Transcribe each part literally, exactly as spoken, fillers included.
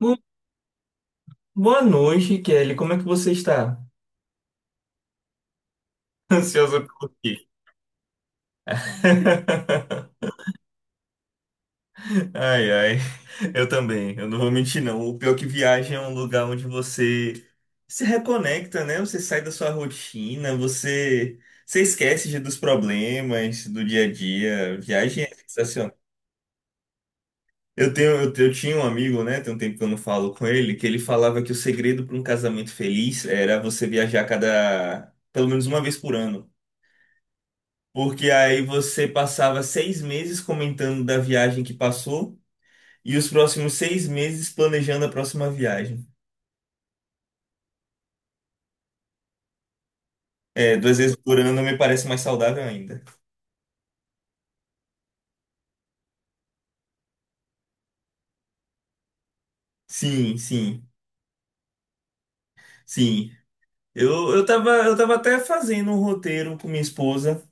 Bo- Boa noite, Kelly. Como é que você está? Ansiosa por quê? Ai, ai. Eu também. Eu não vou mentir, não. O pior é que viagem é um lugar onde você se reconecta, né? Você sai da sua rotina, você, você esquece de- dos problemas do dia a dia. Viagem é sensacional. Eu tenho, eu, tenho- eu tinha um amigo, né? Tem um tempo que eu não falo com ele, que ele falava que o segredo para um casamento feliz era você viajar cada, pelo menos uma vez por ano. Porque aí você passava seis meses comentando da viagem que passou e os próximos seis meses planejando a próxima viagem. É, duas vezes por ano me parece mais saudável ainda. Sim, sim, sim. Eu, eu tava, eu tava até fazendo um roteiro com minha esposa,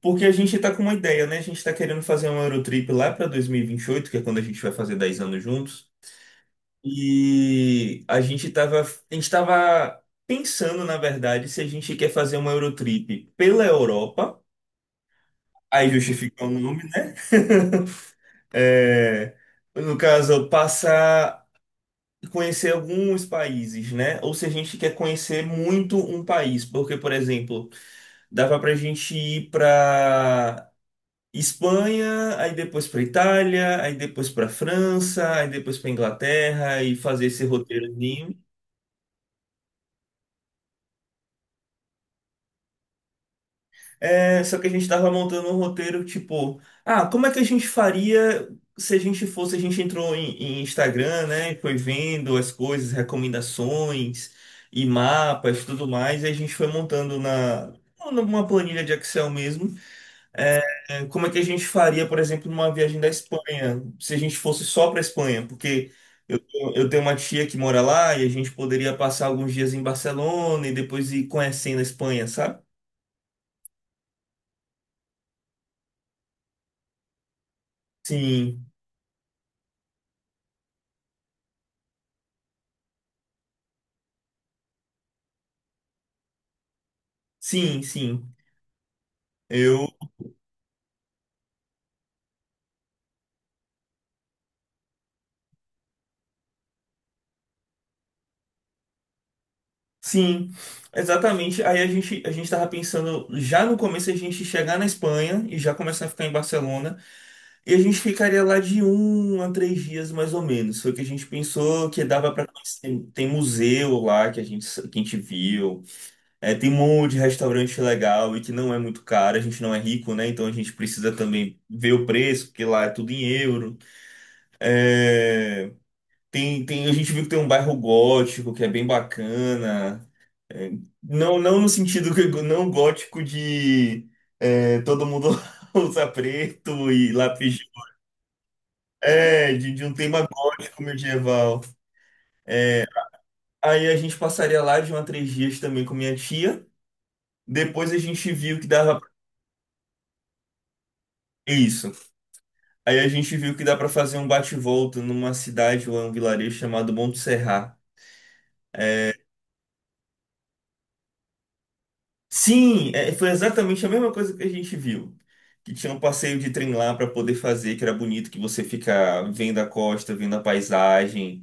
porque a gente tá com uma ideia, né? A gente tá querendo fazer um Eurotrip lá pra dois mil e vinte e oito, que é quando a gente vai fazer dez anos juntos. E a gente tava, a gente tava pensando, na verdade, se a gente quer fazer uma Eurotrip pela Europa. Aí justifica o nome, né? É, no caso, passar a conhecer alguns países, né? Ou se a gente quer conhecer muito um país, porque, por exemplo, dava pra gente ir pra Espanha, aí depois pra Itália, aí depois pra França, aí depois pra Inglaterra e fazer esse roteiro. É, só que a gente tava montando um roteiro, tipo, ah, como é que a gente faria se a gente fosse, a gente entrou em, em Instagram, né? E foi vendo as coisas, recomendações e mapas, tudo mais, e a gente foi montando na numa planilha de Excel mesmo. é, é, como é que a gente faria, por exemplo, numa viagem da Espanha, se a gente fosse só para Espanha, porque eu, eu tenho uma tia que mora lá e a gente poderia passar alguns dias em Barcelona e depois ir conhecendo a Espanha, sabe? Sim. Sim, sim. Eu. Sim, exatamente. Aí a gente, a gente tava pensando já no começo a gente chegar na Espanha e já começar a ficar em Barcelona. E a gente ficaria lá de um a três dias mais ou menos. Foi o que a gente pensou que dava para conhecer. Tem museu lá que a gente, que a gente viu. É, tem um monte de restaurante legal e que não é muito caro. A gente não é rico, né? Então a gente precisa também ver o preço, porque lá é tudo em euro. É. Tem, tem, a gente viu que tem um bairro gótico que é bem bacana. Não, não no sentido que não gótico de é, todo mundo usa preto e lápis. de- É, de, de um tema gótico medieval. Aí a gente passaria lá de uma três dias também com minha tia. Depois a gente viu que dava. Isso. Aí a gente viu que dá pra fazer um bate-volta numa cidade ou um vilarejo chamado Monte Serrat. Sim, é, foi exatamente a mesma coisa que a gente viu. Que tinha um passeio de trem lá para poder fazer, que era bonito, que você fica vendo a costa, vendo a paisagem,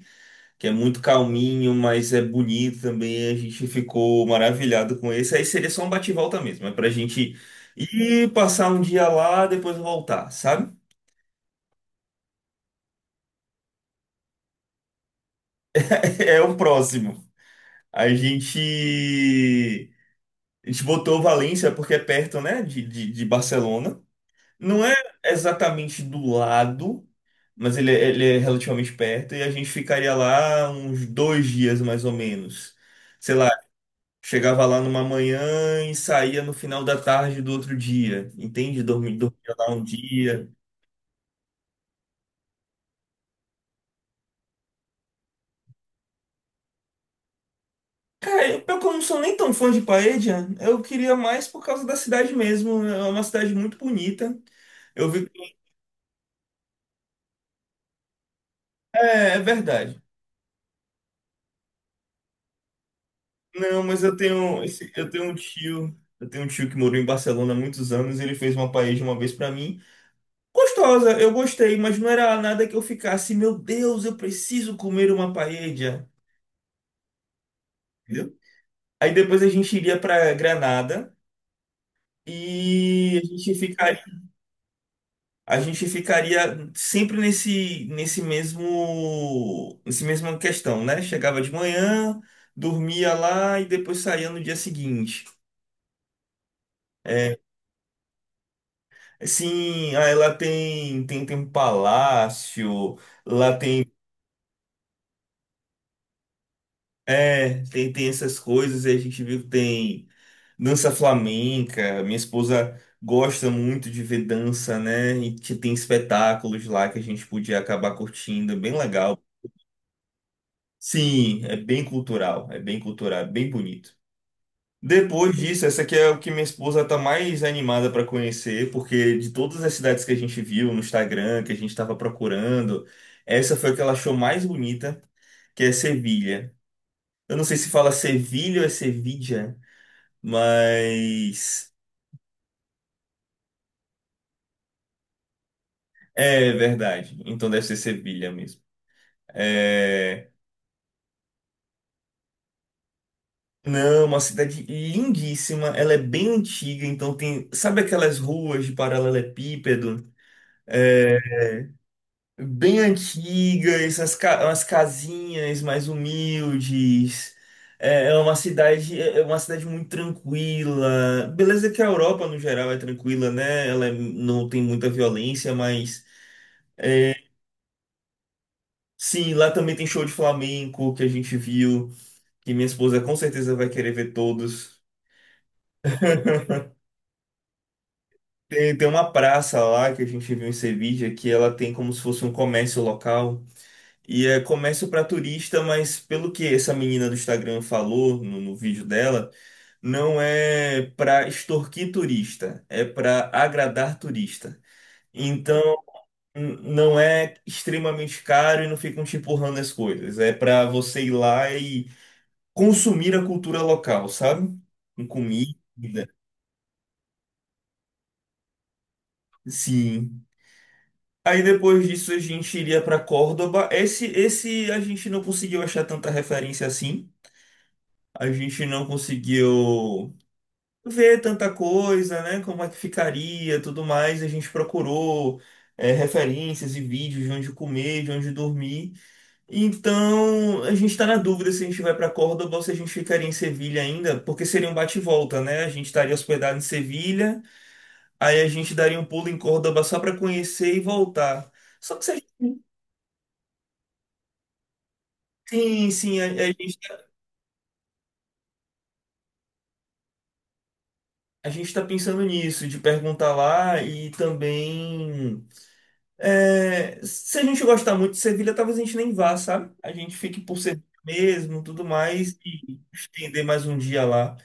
que é muito calminho, mas é bonito também. A gente ficou maravilhado com esse. Aí seria só um bate-volta mesmo, é pra gente ir passar um dia lá, depois voltar, sabe? É o próximo. A gente, a gente botou Valência porque é perto, né, de, de de Barcelona. Não é exatamente do lado. Mas ele, é- ele é relativamente perto e a gente ficaria lá uns dois dias mais ou menos. Sei lá, chegava lá numa manhã e saía no final da tarde do outro dia, entende? Dormi, dormia lá um dia. Cara, eu, pior que eu não sou nem tão fã de Paella, eu queria mais por causa da cidade mesmo. É uma cidade muito bonita. Eu vi. É, é verdade. Não, mas eu tenho, esse- eu tenho um tio, eu tenho um tio que morou em Barcelona há muitos anos, e ele fez uma paella uma vez pra mim. Gostosa, eu gostei, mas não era nada que eu ficasse, meu Deus, eu preciso comer uma paella, entendeu? Aí depois a gente iria para Granada e a gente ficaria, a gente ficaria sempre nesse, nesse mesmo, nesse mesma questão, né? Chegava de manhã, dormia lá e depois saía no dia seguinte. É, sim, aí lá tem, tem, tem um palácio, lá tem, é, tem, tem essas coisas, e a gente viu que tem dança flamenca, minha esposa gosta muito de ver dança, né? E te- tem espetáculos lá que a gente podia acabar curtindo, é bem legal. Sim, é bem cultural, é bem cultural, é bem bonito. Depois disso, essa aqui é o que minha esposa está mais animada para conhecer, porque de todas as cidades que a gente viu no Instagram, que a gente estava procurando, essa foi a que ela achou mais bonita, que é Sevilha. Eu não sei se fala Sevilha ou é Sevilha, mas. É verdade. Então deve ser Sevilha mesmo. É. Não, uma cidade lindíssima. Ela é bem antiga, então tem. Sabe aquelas ruas de paralelepípedo? É, bem antigas, as, ca- as casinhas mais humildes. É é uma cidade, é é uma cidade muito tranquila. Beleza que a Europa, no geral, é tranquila, né? Ela é- não tem muita violência, mas sim, lá também tem show de flamenco que a gente viu, que minha esposa com certeza vai querer ver todos. Tem, tem uma praça lá que a gente viu em Sevilha que ela tem como se fosse um comércio local. E é comércio para turista, mas pelo que essa menina do Instagram falou no, no vídeo dela, não é para extorquir turista, é para agradar turista. Então, n- não é extremamente caro e não ficam te empurrando as coisas. É para você ir lá e consumir a cultura local, sabe? Com comida. Sim. Aí depois disso a gente iria para Córdoba. Esse, esse a gente não conseguiu achar tanta referência assim. A gente não conseguiu ver tanta coisa, né? Como é que ficaria, tudo mais. A gente procurou é, referências e vídeos de onde comer, de onde dormir. Então a gente está na dúvida se a gente vai para Córdoba ou se a gente ficaria em Sevilha ainda, porque seria um bate e volta, né? A gente estaria hospedado em Sevilha, aí a gente daria um pulo em Córdoba só para conhecer e voltar. Só que se a gente. Sim, sim. A, a gente, a gente tá pensando nisso, de perguntar lá e também. é, se a gente gostar muito de Sevilha, talvez a gente nem vá, sabe? A gente fique por Sevilha mesmo, tudo mais, e estender mais um dia lá.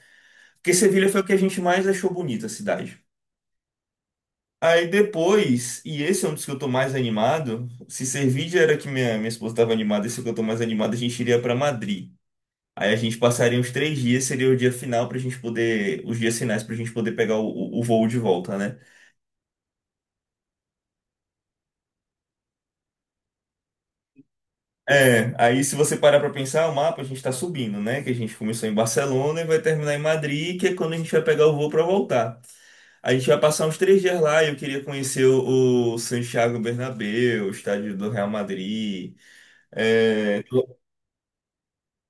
Porque Sevilha foi o que a gente mais achou bonita a cidade. Aí depois, e esse é um dos que eu tô mais animado, se Sevilha era que minha, minha esposa estava animada, esse é o que eu tô mais animado, a gente iria para Madrid. Aí a gente passaria uns três dias, seria o dia final pra gente poder, os dias finais pra gente poder pegar o, o o voo de volta, né? É, aí se você parar pra pensar, o mapa a gente tá subindo, né? Que a gente começou em Barcelona e vai terminar em Madrid, que é quando a gente vai pegar o voo pra voltar. A gente vai passar uns três dias lá e eu queria conhecer o, o Santiago Bernabéu, o estádio do Real Madrid.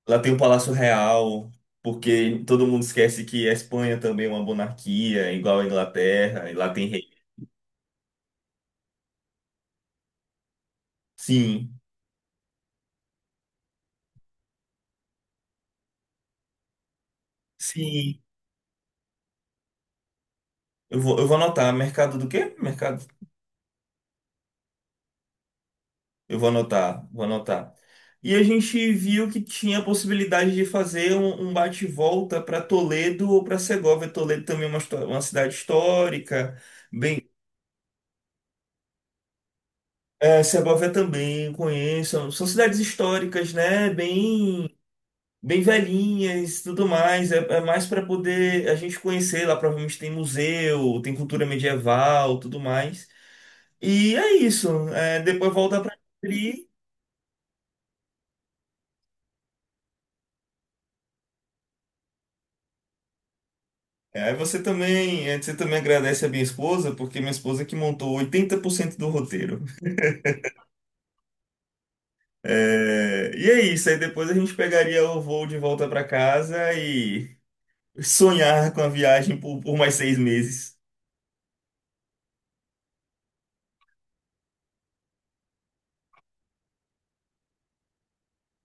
Lá tem o Palácio Real, porque todo mundo esquece que a Espanha também é uma monarquia, igual a Inglaterra, e lá tem rei. Sim, sim. Eu vou, eu vou anotar. Mercado do quê? Mercado. Eu vou anotar, vou anotar. E a gente viu que tinha a possibilidade de fazer um, um bate-volta para Toledo ou para Segóvia. Toledo também é uma, histó- uma cidade histórica. Bem, é, Segóvia também conheço. São cidades históricas, né? Bem, bem velhinhas, e tudo mais. É, é mais para poder a gente conhecer. Lá provavelmente tem museu, tem cultura medieval, tudo mais. E é isso. É, depois volta para. É, aí você também, é, você também agradece a minha esposa, porque minha esposa é que montou oitenta por cento do roteiro. É, e é isso, aí depois a gente pegaria o voo de volta para casa e sonhar com a viagem por, por mais seis meses.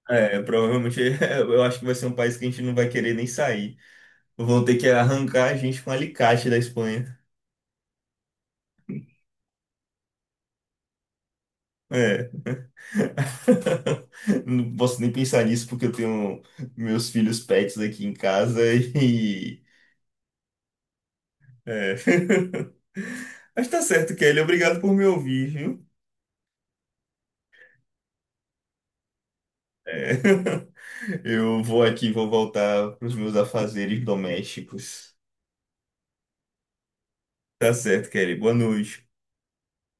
É, provavelmente eu acho que vai ser um país que a gente não vai querer nem sair. Vão ter que arrancar a gente com alicate da Espanha. É. Não posso nem pensar nisso porque eu tenho meus filhos pets aqui em casa e. É. Mas tá certo, Kelly. Obrigado por me ouvir, viu? É. Eu vou aqui, vou voltar para os meus afazeres domésticos. Tá certo, Kelly. Boa noite.